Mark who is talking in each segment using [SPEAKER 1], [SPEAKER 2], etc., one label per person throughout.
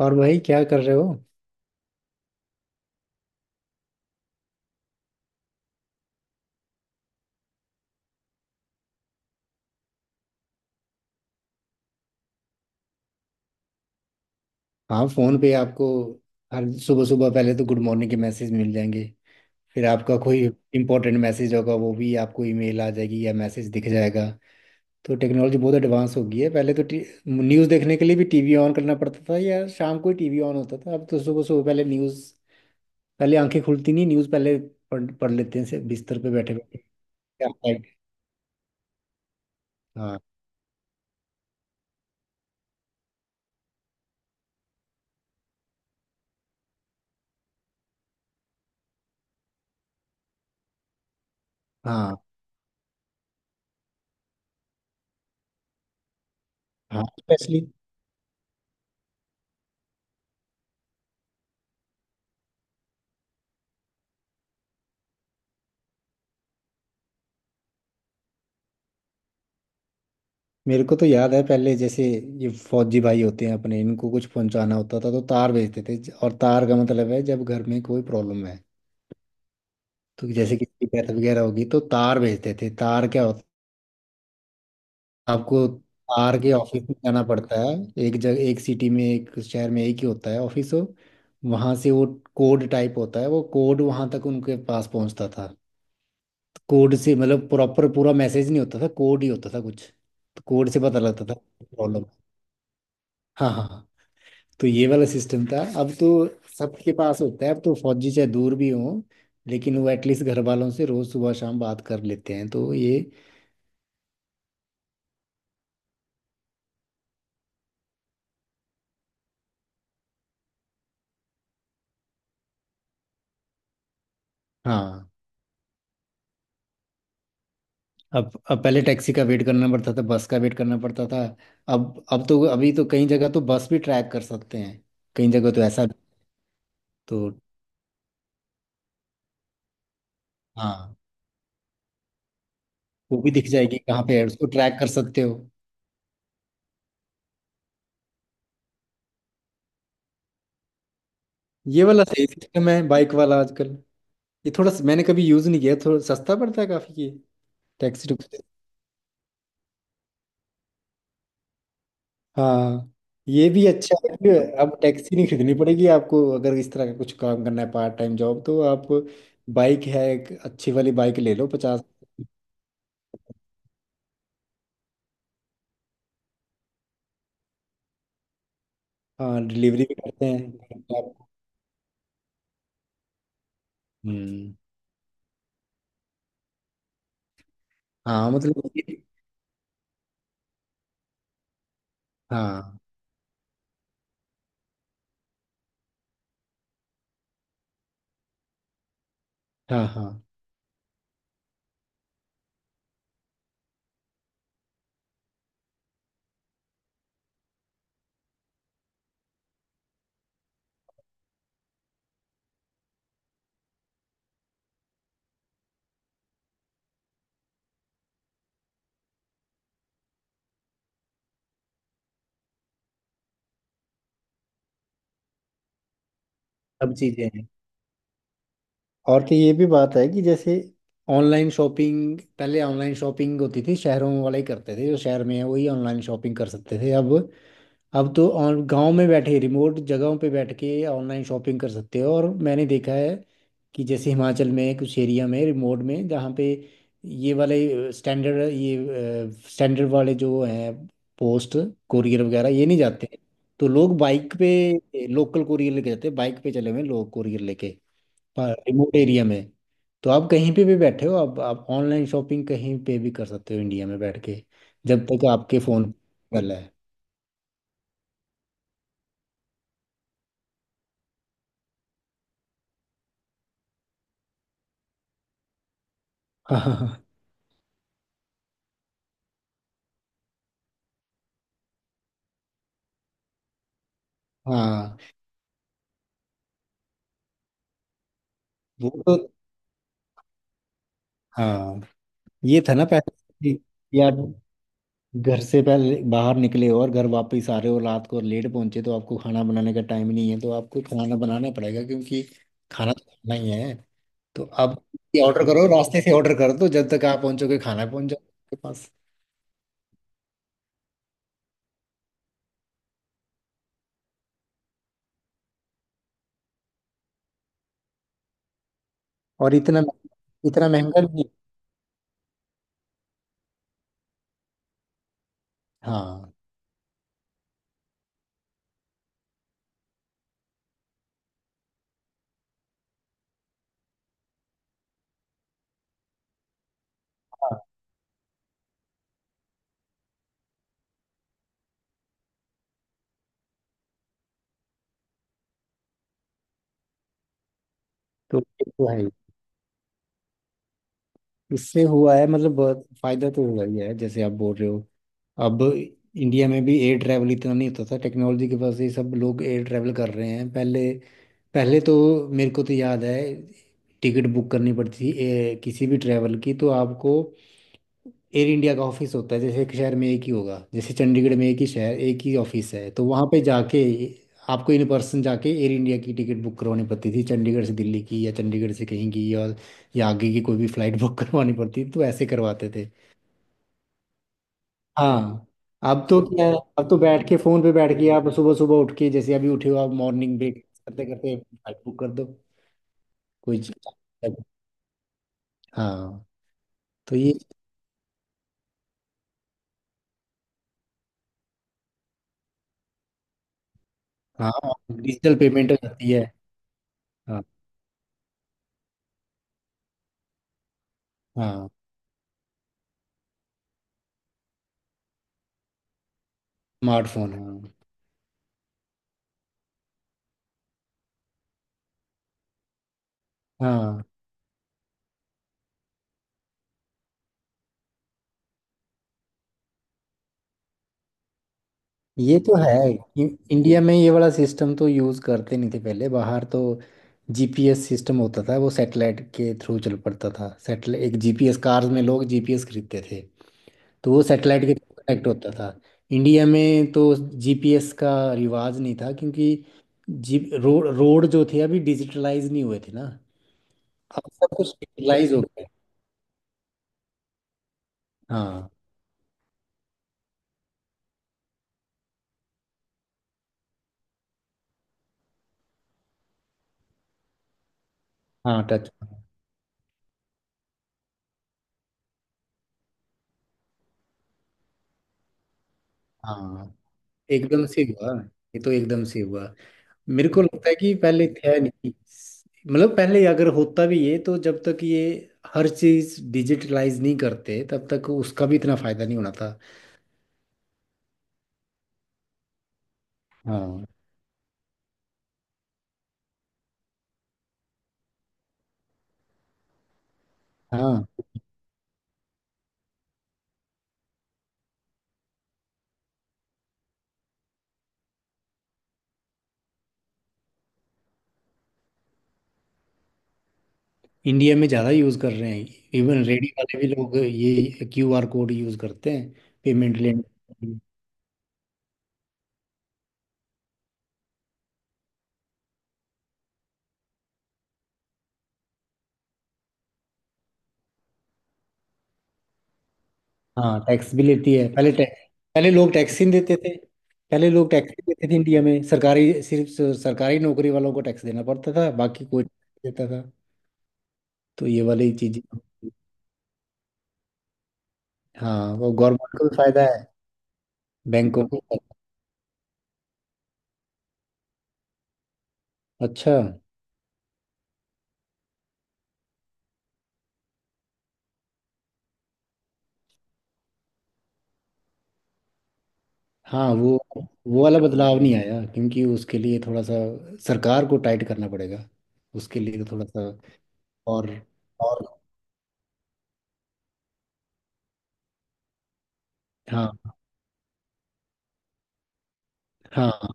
[SPEAKER 1] और भाई क्या कर रहे हो? हाँ, फोन पे आपको हर सुबह सुबह पहले तो गुड मॉर्निंग के मैसेज मिल जाएंगे। फिर आपका कोई इंपॉर्टेंट मैसेज होगा, वो भी आपको ईमेल आ जाएगी या मैसेज दिख जाएगा। तो टेक्नोलॉजी बहुत एडवांस हो गई है। पहले तो न्यूज़ देखने के लिए भी टीवी ऑन करना पड़ता था या शाम को ही टीवी ऑन होता था। अब तो सुबह सुबह पहले न्यूज़, पहले आंखें खुलती नहीं न्यूज़ पहले पढ़ पढ़ लेते हैं से बिस्तर पे बैठे बैठे। हाँ, हाँ, हाँ, स्पेशली। मेरे को तो याद है पहले, जैसे ये फौजी भाई होते हैं अपने, इनको कुछ पहुंचाना होता था तो तार भेजते थे। और तार का मतलब है जब घर में कोई प्रॉब्लम है, तो जैसे किसी की डेथ वगैरह होगी तो तार भेजते थे। तार क्या होता, आपको तार के ऑफिस में जाना पड़ता है। एक जगह, एक सिटी में, एक शहर में एक ही होता है ऑफिस हो। वहां से वो कोड टाइप होता है, वो कोड वहां तक उनके पास पहुंचता था। तो कोड से मतलब प्रॉपर पूरा मैसेज नहीं होता था, कोड ही होता था कुछ। तो कोड से पता लगता था प्रॉब्लम। हाँ, हाँ, हाँ। तो ये वाला सिस्टम था। अब तो सबके पास होता है। अब तो फौजी चाहे दूर भी हो, लेकिन वो एटलीस्ट घर वालों से रोज सुबह शाम बात कर लेते हैं। तो ये, हाँ। अब पहले टैक्सी का वेट करना पड़ता था, बस का वेट करना पड़ता था। अब तो अभी तो कई जगह तो बस भी ट्रैक कर सकते हैं। कई जगह तो ऐसा, तो हाँ। वो भी दिख जाएगी कहाँ पे है, उसको ट्रैक कर सकते हो। ये वाला सही सिस्टम है, बाइक वाला आजकल। ये थोड़ा मैंने कभी यूज नहीं किया, थोड़ा सस्ता पड़ता है काफी ये। टैक्सी टुक्सी, हाँ। ये भी अच्छा है कि अब टैक्सी नहीं खरीदनी पड़ेगी आपको। अगर इस तरह का कुछ काम करना है पार्ट टाइम जॉब, तो आप बाइक है, एक अच्छी वाली बाइक ले लो 50। हाँ, डिलीवरी भी करते हैं। हम्म, हाँ मतलब हाँ, हाँ, हाँ, सब चीजें हैं। और कि ये भी बात है कि जैसे ऑनलाइन शॉपिंग, पहले ऑनलाइन शॉपिंग होती थी शहरों वाले ही करते थे, जो शहर में है वही ऑनलाइन शॉपिंग कर सकते थे। अब तो ऑन गांव में बैठे, रिमोट जगहों पे बैठ के ऑनलाइन शॉपिंग कर सकते हो। और मैंने देखा है कि जैसे हिमाचल में कुछ एरिया में, रिमोट में, जहाँ पे ये वाले ये स्टैंडर्ड वाले जो हैं, पोस्ट कोरियर वगैरह ये नहीं जाते। तो लोग बाइक पे लोकल कोरियर लेके जाते हैं, बाइक पे चले हुए हैं लोग कोरियर लेके रिमोट एरिया में। तो आप कहीं पे भी बैठे हो, अब आप ऑनलाइन शॉपिंग कहीं पे भी कर सकते हो इंडिया में बैठ के, जब तक आपके फोन पे है। हाँ, वो तो, हाँ। ये था ना पहले, कि यार घर से पहले बाहर निकले हो और घर वापस आ रहे हो रात को लेट पहुंचे तो आपको खाना बनाने का टाइम नहीं है, तो आपको खाना बनाना पड़ेगा क्योंकि खाना तो खाना ही है। तो आप ऑर्डर करो, रास्ते से ऑर्डर कर दो, जब तक आप पहुंचोगे खाना पहुंच जाओगे आपके पास। और इतना इतना महंगा भी नहीं। हाँ, हाँ। तो ये तो है, इससे हुआ है मतलब बहुत फायदा तो हुआ ही है, जैसे आप बोल रहे हो। अब इंडिया में भी एयर ट्रैवल इतना नहीं होता था, टेक्नोलॉजी की वजह से ही सब लोग एयर ट्रैवल कर रहे हैं। पहले, पहले तो मेरे को तो याद है, टिकट बुक करनी पड़ती थी ए, किसी भी ट्रैवल की तो आपको एयर इंडिया का ऑफिस होता है, जैसे एक शहर में एक ही होगा, जैसे चंडीगढ़ में एक ही शहर, एक ही ऑफिस है, तो वहाँ पे जाके आपको इन पर्सन जाके एयर इंडिया की टिकट बुक करवानी पड़ती थी चंडीगढ़ से दिल्ली की, या चंडीगढ़ से कहीं की, या आगे की कोई भी फ्लाइट बुक करवानी पड़ती थी। तो ऐसे करवाते थे। हाँ। अब तो क्या है, अब तो बैठ के फोन पे बैठ के आप सुबह सुबह उठ के जैसे अभी उठे हो आप, मॉर्निंग ब्रेक करते करते फ्लाइट बुक कर दो कोई चीज़। हाँ। तो ये, हाँ, डिजिटल पेमेंट हो जाती है। हाँ, हाँ, स्मार्टफोन, हाँ। हाँ, ये तो है। इंडिया में ये वाला सिस्टम तो यूज़ करते नहीं थे, पहले बाहर तो जीपीएस सिस्टम होता था, वो सैटेलाइट के थ्रू चल पड़ता था, सैटेलाइट एक जीपीएस कार्स में लोग जीपीएस खरीदते थे, तो वो सैटेलाइट के थ्रू कनेक्ट होता था। इंडिया में तो जीपीएस का रिवाज नहीं था क्योंकि जी, रोड रोड जो थे अभी डिजिटलाइज नहीं हुए थे ना। अब सब कुछ डिजिटलाइज हो गया। हाँ, हाँ, टच, हाँ। एकदम से हुआ, ये तो एकदम से हुआ। मेरे को लगता है कि पहले था नहीं, मतलब पहले अगर होता भी ये, तो जब तक ये हर चीज डिजिटलाइज नहीं करते तब तक उसका भी इतना फायदा नहीं होना था। हाँ, हाँ। इंडिया में ज़्यादा यूज़ कर रहे हैं। इवन रेडी वाले भी लोग ये क्यूआर कोड यूज़ करते हैं पेमेंट लेने। हाँ, टैक्स भी लेती है, पहले टैक्स, पहले लोग टैक्स ही नहीं देते थे। पहले लोग टैक्स ही नहीं देते थे इंडिया में, सरकारी सिर्फ सरकारी नौकरी वालों को टैक्स देना पड़ता था, बाकी कोई नहीं देता था। तो ये वाली चीज़ें, हाँ। वो गवर्नमेंट को भी फायदा है, बैंकों को भी फायदा है। अच्छा, हाँ, वो वाला बदलाव नहीं आया क्योंकि उसके लिए थोड़ा सा सरकार को टाइट करना पड़ेगा। उसके लिए तो थोड़ा सा, और और, हाँ, हाँ,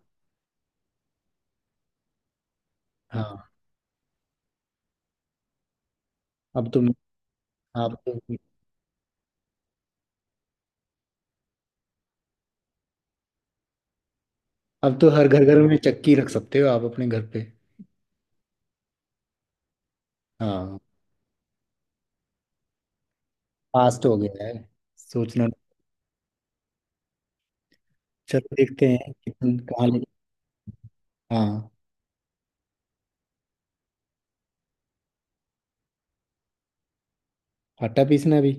[SPEAKER 1] हाँ। अब तुम, आप तो, अब तो हर घर घर में चक्की रख सकते हो आप अपने घर पे। हाँ, फास्ट हो गया है। सोचना, चलो देखते हैं कहाँ ले। हाँ, आटा पीसना भी।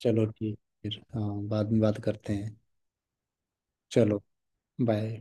[SPEAKER 1] चलो ठीक, फिर हाँ, बाद में बात करते हैं। चलो, बाय।